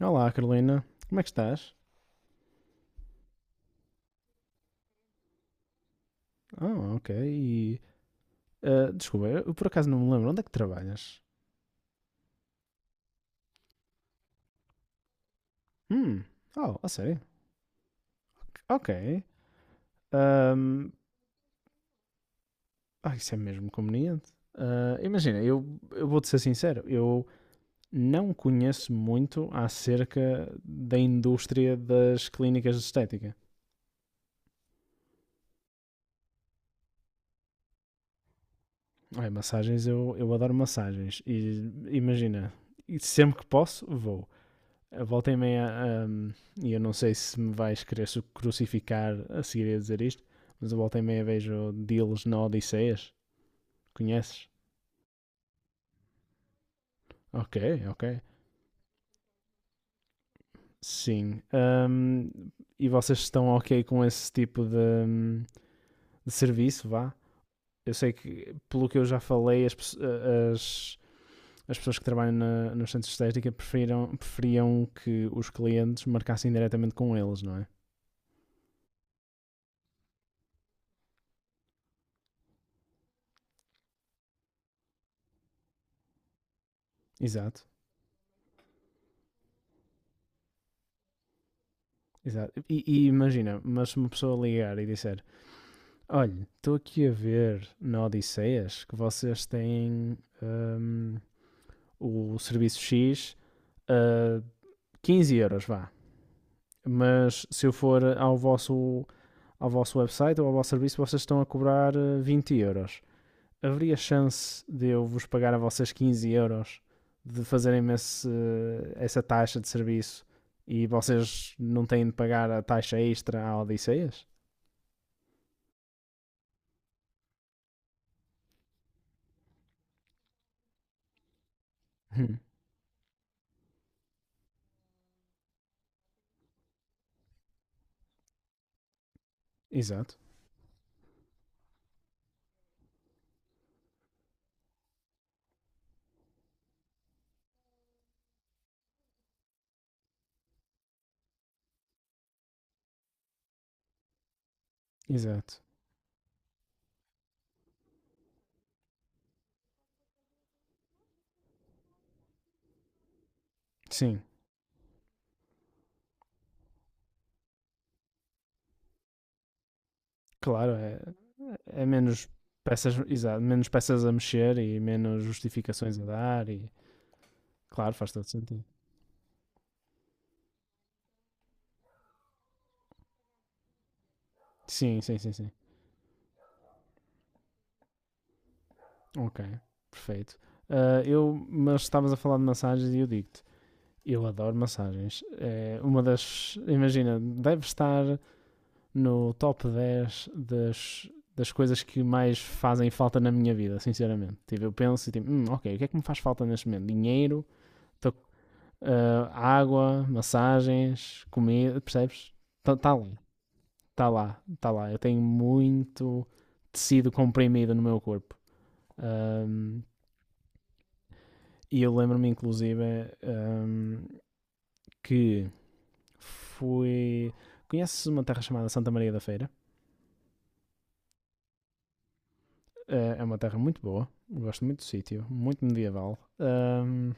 Olá, Carolina. Como é que estás? Ah, ok. E, desculpa, eu por acaso não me lembro. Onde é que trabalhas? Hum. Oh, a sério? Ok. Ahm, isso é mesmo conveniente. Ah, imagina, eu vou-te ser sincero. Eu não conheço muito acerca da indústria das clínicas de estética. Ai, massagens, eu adoro massagens. E imagina, e sempre que posso, vou. A volta e meia, e eu não sei se me vais querer crucificar a seguir a dizer isto, mas a volta e meia vejo deals na Odisseias. Conheces? Ok, ok. Sim. E vocês estão ok com esse tipo de serviço, vá? Eu sei que, pelo que eu já falei, as, as pessoas que trabalham nos centros de estética preferiam que os clientes marcassem diretamente com eles, não é? Exato. Exato. E imagina, mas se uma pessoa ligar e disser, olha, estou aqui a ver na Odisseias que vocês têm hum, o serviço X a 15 euros, vá. Mas se eu for ao vosso website ou ao vosso serviço, vocês estão a cobrar 20 euros. Haveria chance de eu vos pagar a vocês 15 euros de essa taxa de serviço e vocês não têm de pagar a taxa extra à Odisseias? Hum, exato, exato. Sim, claro, é menos peças, exato, menos peças a mexer e menos justificações a dar e claro, faz todo sentido. Sim, sim, sim, sim. Ok, perfeito. Ah, eu, mas estavas a falar de massagens e eu digo-te, eu adoro massagens. É uma das, imagina, deve estar no top 10 das, coisas que mais fazem falta na minha vida, sinceramente. Tipo, eu penso e tipo, ok, o que é que me faz falta neste momento? Dinheiro, estou água, massagens, comida, percebes? Está ali, está lá, está lá. Eu tenho muito tecido comprimido no meu corpo. Ahm, e eu lembro-me, inclusive, ahm, que fui. Conheces uma terra chamada Santa Maria da Feira? É uma terra muito boa, gosto muito do sítio, muito medieval.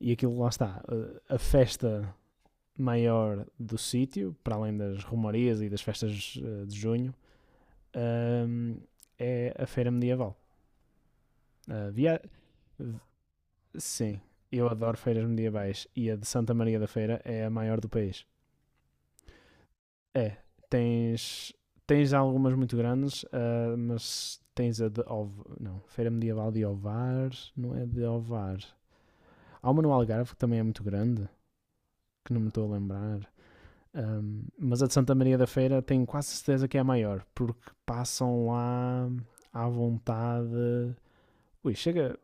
E aquilo lá está, a festa maior do sítio, para além das romarias e das festas de junho, ahm, é a feira medieval. Ah, via... Sim, eu adoro feiras medievais e a de Santa Maria da Feira é a maior do país. É, tens, tens algumas muito grandes, ah, mas tens a de Ov... não, Feira Medieval de Ovar, não é de Ovar. Há uma no Algarve que também é muito grande, que não me estou a lembrar. Mas a de Santa Maria da Feira tenho quase certeza que é a maior, porque passam lá à vontade. Ui,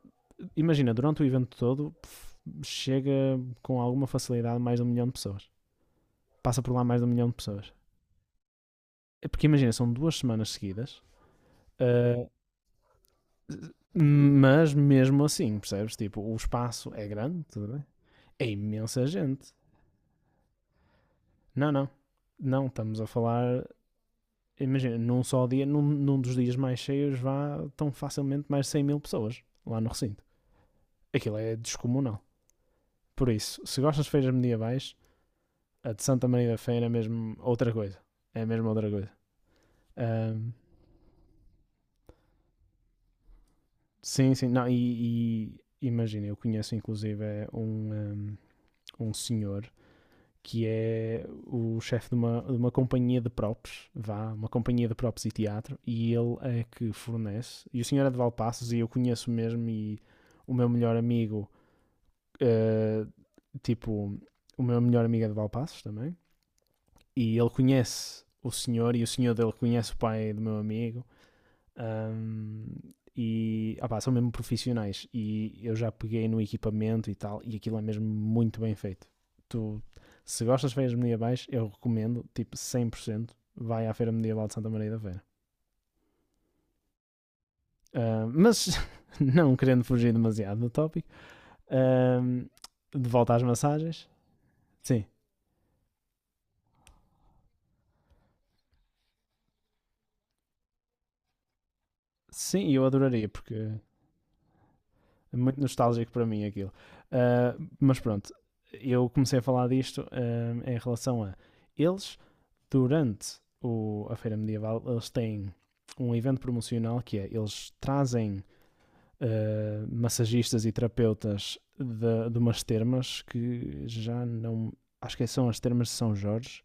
imagina, durante o evento todo chega com alguma facilidade mais de um milhão de pessoas. Passa por lá mais de um milhão de pessoas. É porque imagina, são 2 semanas seguidas, ah, mas mesmo assim, percebes? Tipo, o espaço é grande, tudo bem? É imensa gente. Não, não. Não, estamos a falar. Imagina, num só dia, num dos dias mais cheios, vá tão facilmente mais de 100 mil pessoas lá no recinto. Aquilo é descomunal. Por isso, se gostas de feiras medievais, a de Santa Maria da Feira é mesmo outra coisa. É mesmo outra coisa. Ahm, sim, sim. Não, e imagina, eu conheço inclusive é um senhor que é o chefe de uma companhia de props, vá, uma companhia de props e teatro, e ele é que fornece. E o senhor é de Valpaços e eu conheço mesmo e o meu melhor amigo, eh, tipo, o meu melhor amigo é de Valpaços também, e ele conhece o senhor e o senhor dele conhece o pai do meu amigo. Ahm, e opá, são mesmo profissionais. E eu já peguei no equipamento e tal, e aquilo é mesmo muito bem feito. Tu, se gostas de feiras medievais, eu recomendo, tipo 100% vai à Feira Medieval de Santa Maria da Feira. Ah, mas, não querendo fugir demasiado do tópico, ahm, de volta às massagens, sim, sim, eu adoraria, porque é muito nostálgico para mim aquilo. Ah, mas pronto, eu comecei a falar disto em relação a eles durante a Feira Medieval, eles têm um evento promocional que é, eles trazem massagistas e terapeutas de umas termas que já não... Acho que são as termas de São Jorge.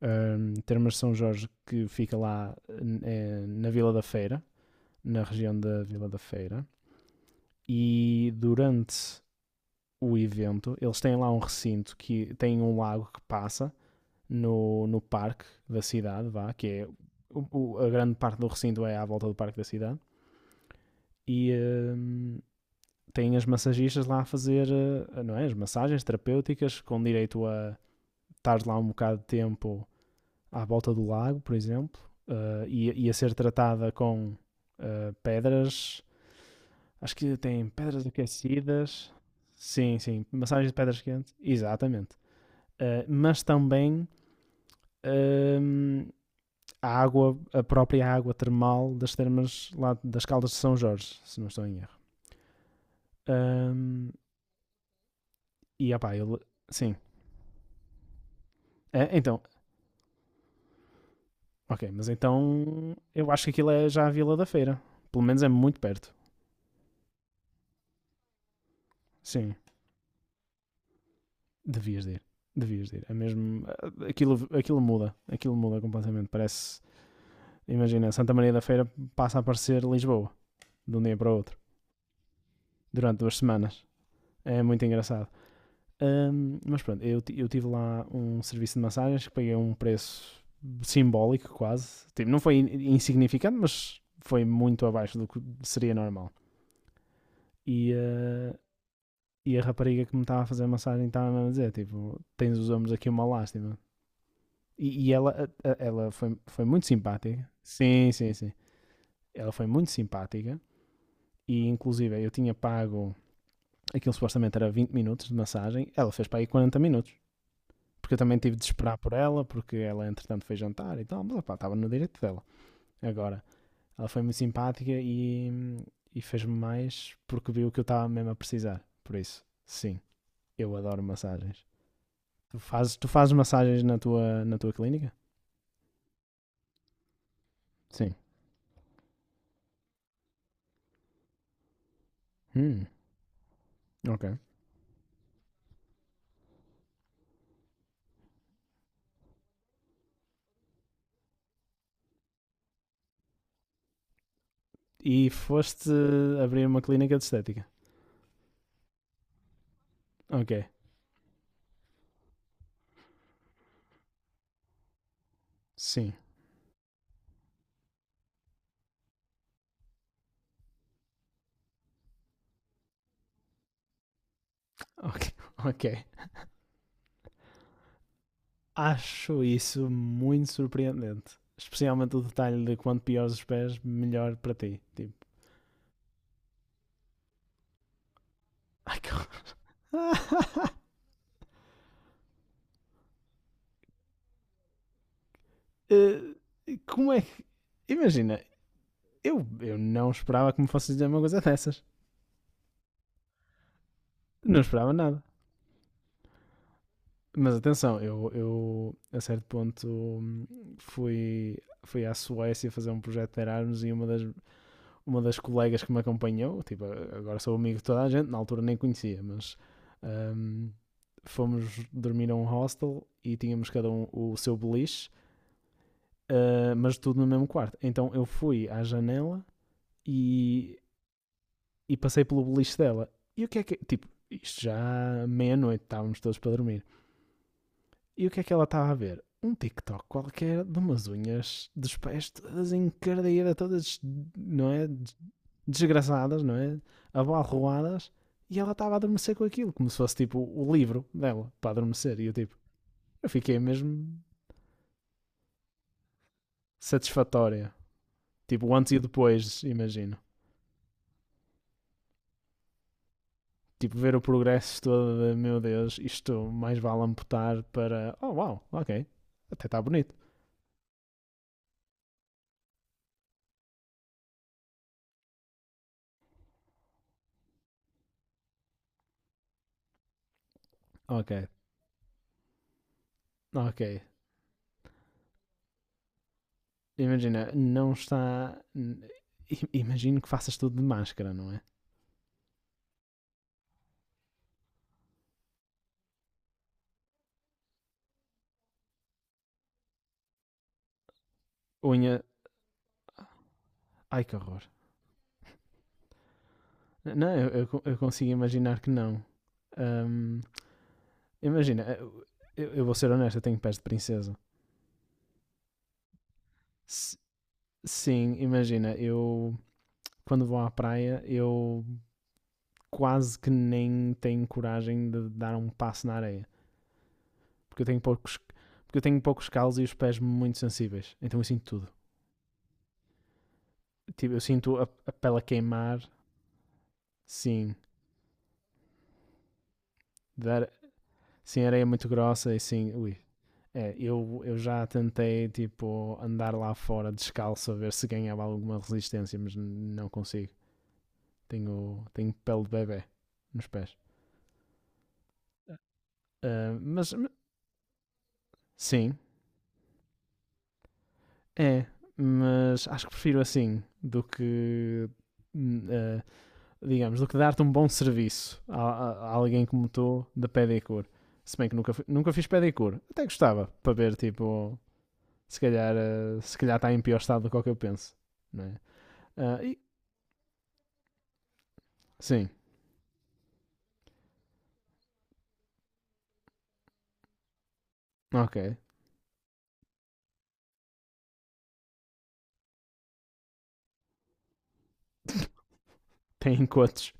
Termas de São Jorge que fica lá na Vila da Feira, na região da Vila da Feira. E durante o evento, eles têm lá um recinto que tem um lago que passa no parque da cidade, vá, que é a grande parte do recinto é à volta do parque da cidade e tem as massagistas lá a fazer não é, as massagens terapêuticas com direito a estar lá um bocado de tempo à volta do lago, por exemplo, e a ser tratada com pedras, acho que tem pedras aquecidas, sim, sim, massagens de pedras quentes, exatamente. Mas também hum, a água, a própria água termal das termas lá das Caldas de São Jorge, se não estou em erro. Ahm, e opá, eu. Sim. Ah, então, ok, mas então eu acho que aquilo é já a Vila da Feira. Pelo menos é muito perto. Sim, devias de ir. Devias de ir. É mesmo. Aquilo muda. Aquilo muda completamente. Parece. Imagina, Santa Maria da Feira passa a parecer Lisboa, de um dia para o outro, durante 2 semanas. É muito engraçado. Mas pronto, eu tive lá um serviço de massagens que paguei um preço simbólico quase. Tipo, não foi insignificante, mas foi muito abaixo do que seria normal. E, ah, e a rapariga que me estava a fazer a massagem estava a dizer, tipo, tens os ombros aqui uma lástima. E ela foi muito simpática. Sim, sim, sim. Ela foi muito simpática. E inclusive eu tinha pago, aquilo supostamente era 20 minutos de massagem, ela fez para aí 40 minutos. Porque eu também tive de esperar por ela, porque ela entretanto foi jantar e tal, mas opá, estava no direito dela. Agora, ela foi muito simpática e fez-me mais porque viu que eu estava mesmo a precisar. Por isso, sim, eu adoro massagens. Tu fazes massagens na tua clínica? Sim. Hum, ok. E foste abrir uma clínica de estética? Ok. Sim. Ok. Ok. Acho isso muito surpreendente. Especialmente o detalhe de quanto piores os pés, melhor para ti. Tipo, ai, como é que. Imagina, eu não esperava que me fosse dizer uma coisa dessas. Não esperava nada. Mas atenção, eu a certo ponto fui, fui à Suécia fazer um projeto de Erasmus e uma das colegas que me acompanhou, tipo, agora sou amigo de toda a gente, na altura nem conhecia, mas hum, fomos dormir a um hostel e tínhamos cada um o seu beliche, mas tudo no mesmo quarto. Então eu fui à janela e passei pelo beliche dela. E o que é que. Tipo, isto já meia-noite, estávamos todos para dormir. E o que é que ela estava a ver? Um TikTok qualquer de umas unhas dos pés todas encardeadas, todas, não é? Desgraçadas, não é? Abalroadas. E ela estava a adormecer com aquilo, como se fosse tipo o livro dela para adormecer. E eu tipo, eu fiquei mesmo satisfatória. Tipo, antes e depois, imagino. Tipo, ver o progresso todo de, meu Deus, isto mais vale amputar para, oh uau, ok, até está bonito. Ok, ok. Imagina, não está. Imagino que faças tudo de máscara, não é? Unha. Ai que horror. Não, eu consigo imaginar que não. Ahm, imagina, eu vou ser honesto, eu tenho pés de princesa. S- sim, imagina, eu. Quando vou à praia, eu quase que nem tenho coragem de dar um passo na areia. Porque eu tenho poucos. Porque eu tenho poucos calos e os pés muito sensíveis. Então eu sinto tudo. Tipo, eu sinto a pele a queimar, sim. Dar, sim, areia é muito grossa e sim. Ui. É, eu já tentei, tipo, andar lá fora descalço a ver se ganhava alguma resistência, mas não consigo. Tenho pele de bebê nos pés. Mas, sim, é. Mas acho que prefiro assim do que. Uh, digamos, do que dar-te um bom serviço a, a alguém como tu da pedicure. Se bem que nunca fiz pedicure. Até gostava, para ver, tipo, se calhar se calhar está em pior estado do que eu penso. Não é? Ah, sim, ok. Tem encontros.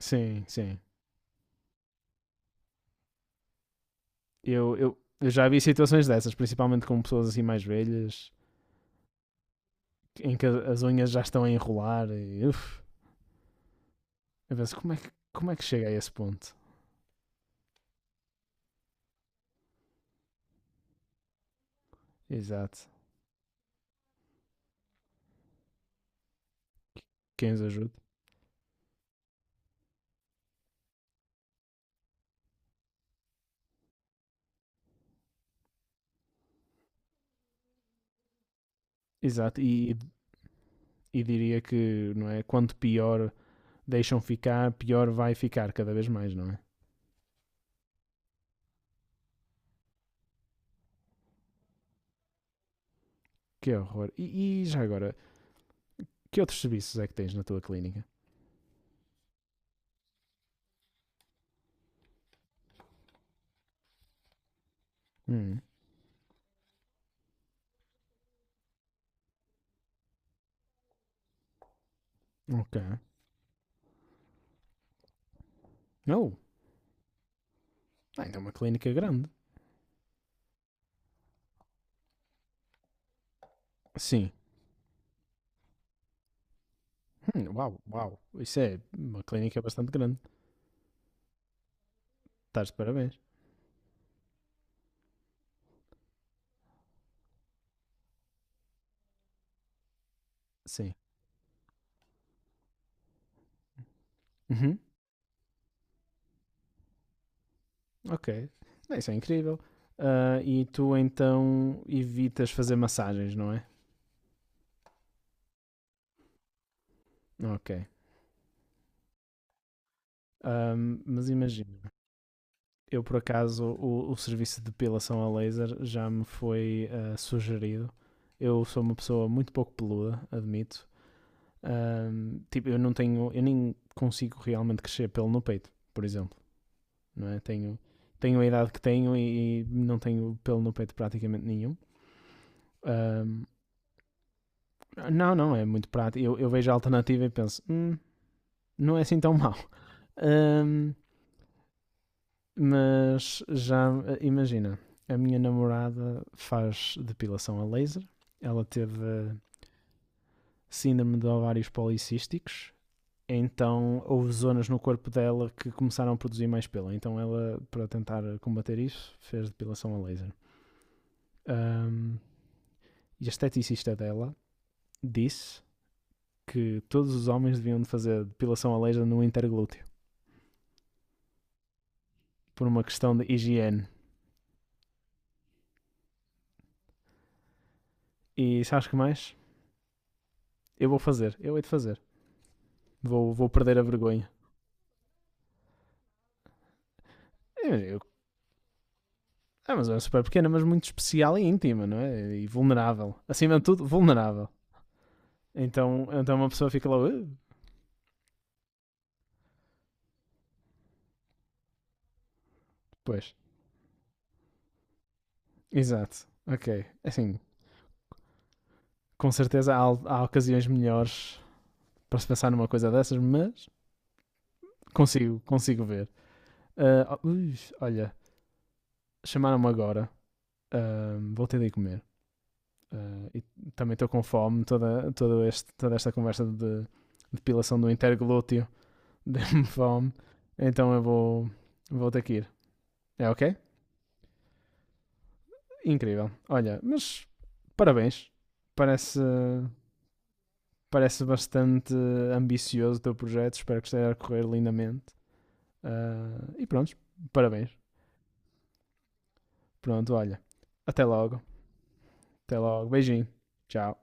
Sim, sim. Eu já vi situações dessas, principalmente com pessoas assim mais velhas, em que as unhas já estão a enrolar e, uf, eu penso, como é que chega a esse ponto? Exato. Quem os ajude? Exato, e diria que, não é? Quanto pior deixam ficar, pior vai ficar cada vez mais, não é? Que horror. E já agora, que outros serviços é que tens na tua clínica? Hum, ok. Não, ah, então é uma clínica grande. Sim. Uau, uau. Isso é uma clínica bastante grande. Estás de parabéns. Sim. Uhum, ok. Ah, isso é incrível. Ah, e tu então evitas fazer massagens, não é? Ok. Mas imagina. Eu por acaso o serviço de depilação a laser já me foi sugerido. Eu sou uma pessoa muito pouco peluda, admito. Tipo, eu não tenho, eu nem consigo realmente crescer pelo no peito, por exemplo, não é? Tenho a idade que tenho e não tenho pelo no peito praticamente nenhum. Ahm, não, não, é muito prático. Eu vejo a alternativa e penso, não é assim tão mau." Ahm, mas já imagina, a minha namorada faz depilação a laser, ela teve síndrome de ovários policísticos, então houve zonas no corpo dela que começaram a produzir mais pelo. Então ela, para tentar combater isso, fez depilação a laser. Ahm, e a esteticista dela disse que todos os homens deviam fazer depilação a laser no interglúteo, por uma questão de higiene. E sabes que mais? Eu vou fazer, eu hei de fazer. Vou perder a vergonha. Eu Ah, mas é super pequena, mas muito especial e íntima, não é? E vulnerável. Acima de tudo, vulnerável. Então uma pessoa fica lá, "Ah." Pois. Exato. Ok. Assim, com certeza há ocasiões melhores para se pensar numa coisa dessas, mas consigo ver. Ah, oh, ui, olha, chamaram-me agora. Ah, vou ter de ir comer. Ah, e também estou com fome. Toda esta conversa de depilação do interglúteo deu-me fome. Então eu vou ter que ir. É ok? Incrível. Olha, mas parabéns. Parece, parece bastante ambicioso o teu projeto. Espero que esteja a correr lindamente. Ah, e pronto, parabéns. Pronto, olha. Até logo. Até logo. Beijinho. Tchau.